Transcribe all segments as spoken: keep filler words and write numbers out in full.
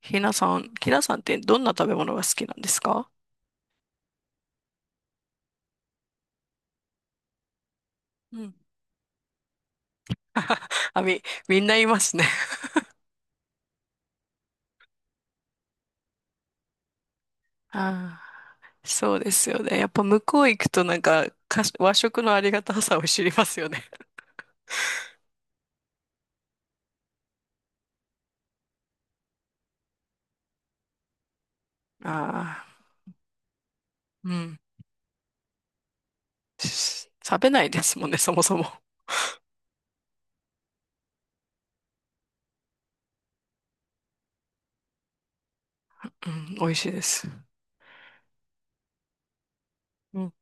ひなさん、ひなさんってどんな食べ物が好きなんですか？うん。あ、み、みんな言いますね。 ああ、そうですよね。やっぱ向こう行くとなんか、かし和食のありがたさを知りますよね。ああ、うん。し食べないですもんね、そもそも。うん、美味しいです。うん。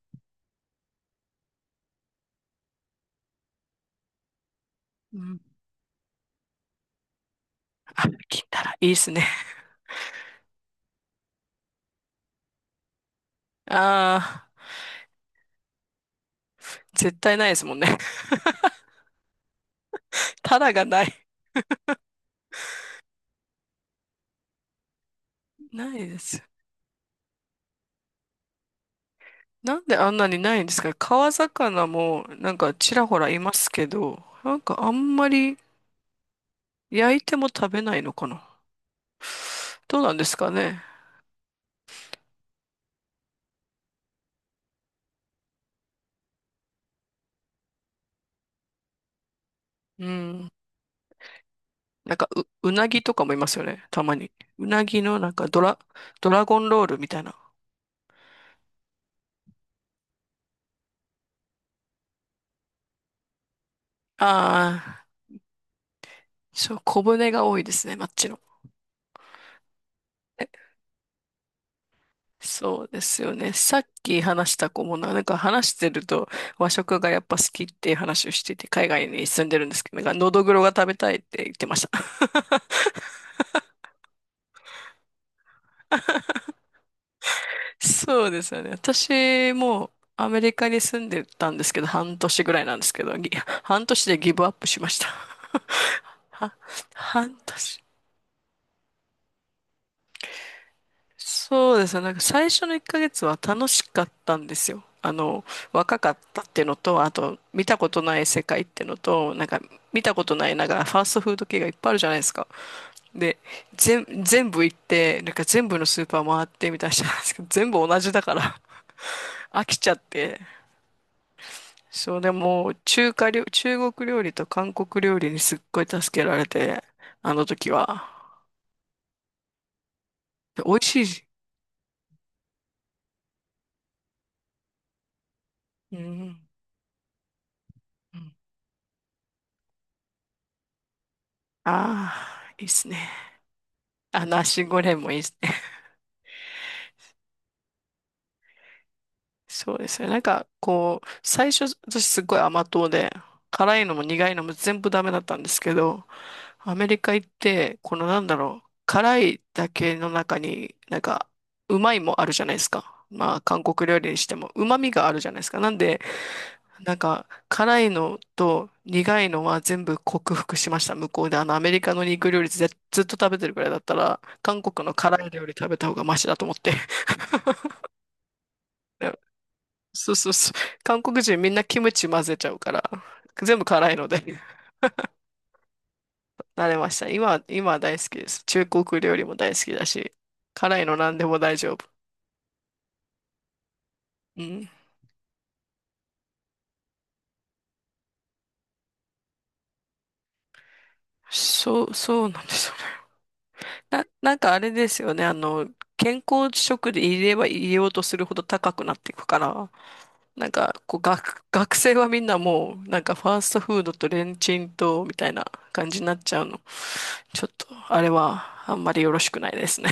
うん。あ、金たらいいですね。ああ、絶対ないですもんね。たらがない。ないです。なんであんなにないんですか？川魚もなんかちらほらいますけど、なんかあんまり焼いても食べないのかな？どうなんですかね？うん。なんかう、うなぎとかもいますよね。たまに。うなぎのなんかドラ、ドラゴンロールみたいな。ああ、そう、小骨が多いですね、マッチの。そうですよね。さっき話した子もな、なんか話してると和食がやっぱ好きっていう話をしてて、海外に住んでるんですけど、なんかのどぐろが食べたいって言ってました。そうですよね。私もアメリカに住んでたんですけど、半年ぐらいなんですけど、ぎ半年でギブアップしました。は、半年。そうですね。なんか最初のいっかげつは楽しかったんですよ。あの、若かったっていうのと、あと、見たことない世界っていうのと、なんか、見たことない、なんか、ファーストフード系がいっぱいあるじゃないですか。で、全、全部行って、なんか全部のスーパー回ってみたいな人なんですけど、全部同じだから 飽きちゃって。そう、でも、中華料、中国料理と韓国料理にすっごい助けられて、あの時は。で美味しい。うん。ああー、いいっすね。あ、ナシゴレンもいいですね。そうですね。なんか、こう、最初、私すごい甘党で、辛いのも苦いのも全部ダメだったんですけど、アメリカ行って、このなんだろう、辛いだけの中に、なんか、うまいもあるじゃないですか。まあ、韓国料理にしても、うまみがあるじゃないですか。なんで、なんか、辛いのと苦いのは全部克服しました。向こうで、あの、アメリカの肉料理ずっと食べてるくらいだったら、韓国の辛い料理食べた方がマシだと思って。そうそうそう。韓国人みんなキムチ混ぜちゃうから、全部辛いので 慣れました。今は、今は大好きです。中国料理も大好きだし、辛いの何でも大丈夫。うん。そう、そうなんですよね。な、なんかあれですよね。あの、健康食で入れれば入れようとするほど高くなっていくから、なんか、こう、学、学生はみんなもう、なんかファーストフードとレンチンと、みたいな感じになっちゃうの。ちょっと、あれはあんまりよろしくないですね。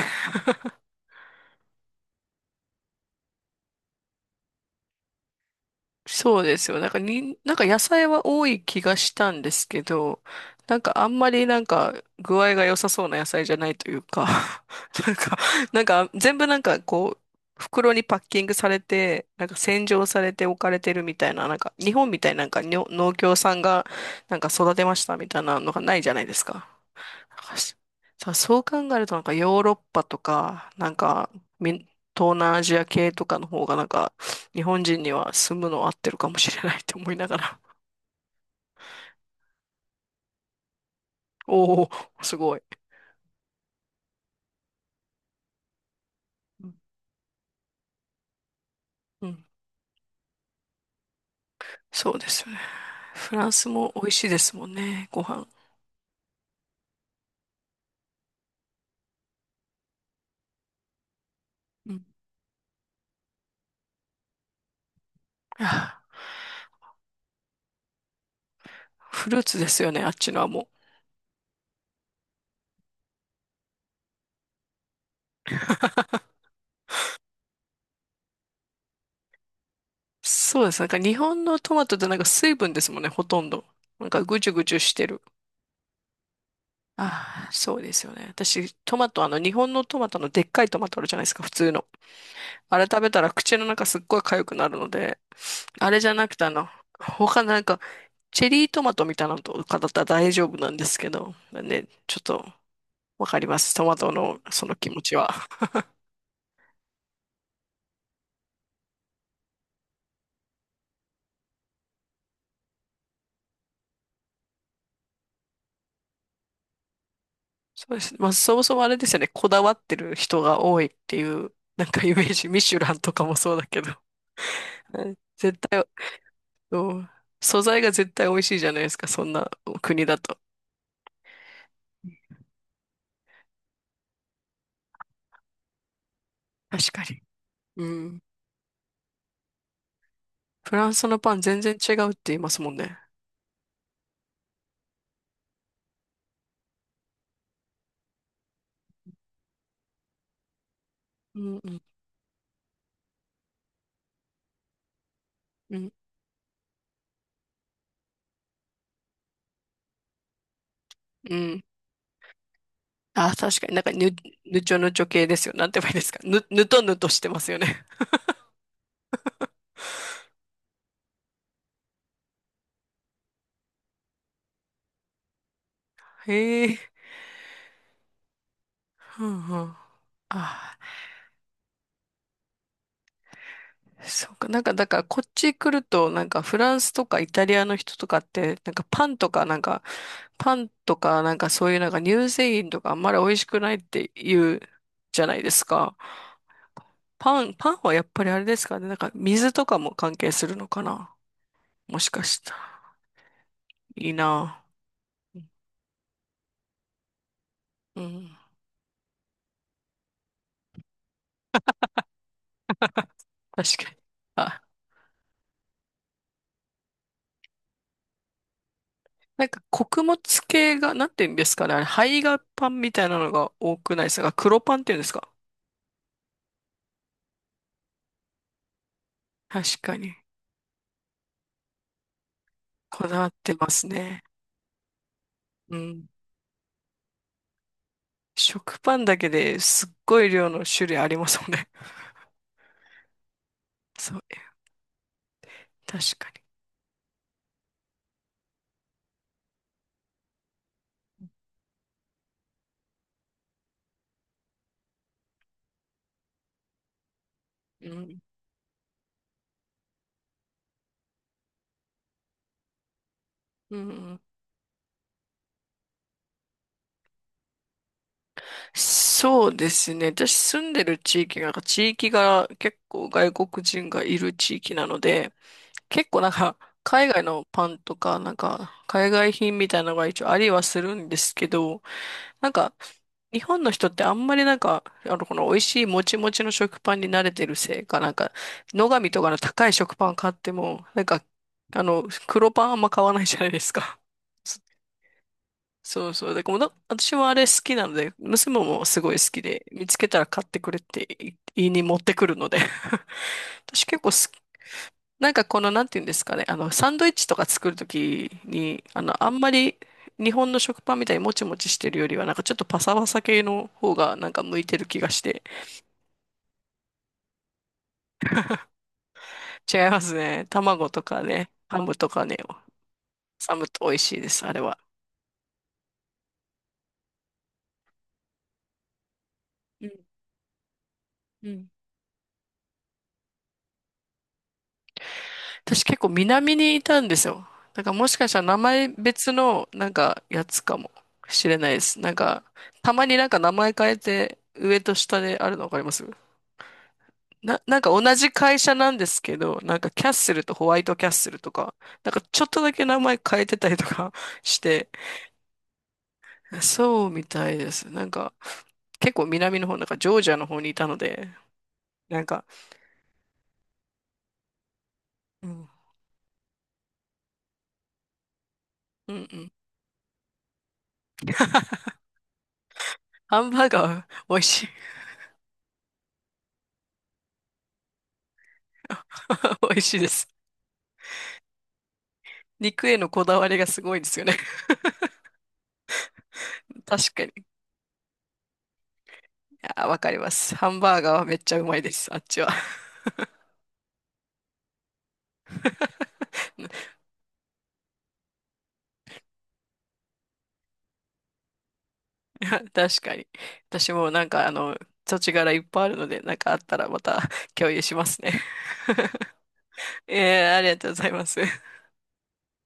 そうですよ。なんかに、なんか野菜は多い気がしたんですけど、なんかあんまりなんか具合が良さそうな野菜じゃないというか、なんか、なんか全部なんかこう、袋にパッキングされて、なんか洗浄されて置かれてるみたいな、なんか日本みたいななんかにょ農協さんがなんか育てましたみたいなのがないじゃないですか。さ、そう考えるとなんかヨーロッパとか、なんかみ東南アジア系とかの方がなんか日本人には住むの合ってるかもしれないって思いながら。おお、すごい。うんうん、そうですよね。フランスも美味しいですもんね、ご飯。うん、あフルーツですよね、あっちのはもう。そうです。なんか日本のトマトってなんか水分ですもんね、ほとんど。なんかぐちゅぐちゅしてる。ああ、そうですよね。私、トマト、あの、日本のトマトのでっかいトマトあるじゃないですか、普通の。あれ食べたら口の中すっごい痒くなるので、あれじゃなくてあの、他なんか、チェリートマトみたいなのとかだったら大丈夫なんですけど、ね、ちょっとわかります。トマトのその気持ちは。そうですね。まあ、そもそもあれですよね、こだわってる人が多いっていう、なんかイメージ、ミシュランとかもそうだけど、うん絶対、うん素材が絶対美味しいじゃないですか、そんな国だと。確かに。うん。フランスのパン全然違うって言いますもんね。うんうんうん。うんあ、確かになんかぬ、ぬちょぬちょ系ですよ。なんて言えばいいですか。ぬ、ぬとぬとしてますよね。へえ。うんうん。ああ、そうか。なんか、だから、こっち来ると、なんか、フランスとかイタリアの人とかって、なんか、パンとか、なんか、パンとか、なんか、そういう、なんか、乳製品とか、あんまり美味しくないって言うじゃないですか。パン、パンはやっぱりあれですかね。なんか、水とかも関係するのかな。もしかしたら。いいなあ。うん。確かに。あなんか穀物系が、なんて言うんですかね。あれ、胚芽パンみたいなのが多くないですか？黒パンっていうんですか？確かに。こだわってますね。うん。食パンだけですっごい量の種類ありますもんね。そう、確かに。うん。うん。そうですね。私住んでる地域が、地域が結構外国人がいる地域なので、結構なんか、海外のパンとか、なんか、海外品みたいなのが一応ありはするんですけど、なんか、日本の人ってあんまりなんか、あの、この美味しいもちもちの食パンに慣れてるせいか、なんか、野上とかの高い食パン買っても、なんか、あの、黒パンあんま買わないじゃないですか。そそうそう。で、この、私もあれ好きなので、娘もすごい好きで、見つけたら買ってくれってい言いに持ってくるので。私結構好なんかこの、なんていうんですかね、あの、サンドイッチとか作るときに、あの、あんまり日本の食パンみたいにもちもちしてるよりは、なんかちょっとパサパサ系の方がなんか向いてる気がして。違いますね。卵とかね、ハムとかね、サムと美味しいです、あれは。うんうん。私結構南にいたんですよ。だからもしかしたら名前別のなんかやつかもしれないです。なんか、たまになんか名前変えて上と下であるのわかります？な、なんか同じ会社なんですけど、なんかキャッスルとホワイトキャッスルとか、なんかちょっとだけ名前変えてたりとか して、そうみたいです。なんか結構南の方、なんかジョージアの方にいたので、なんか、うん、うん、うん。ハンバーガー美味しい。美味しいです。肉へのこだわりがすごいですよね。確かに。あ、わかります。ハンバーガーはめっちゃうまいです。あっちは。確かに。私もなんかあの、土地柄いっぱいあるので、なんかあったらまた 共有しますね。えー、ありがとうございます。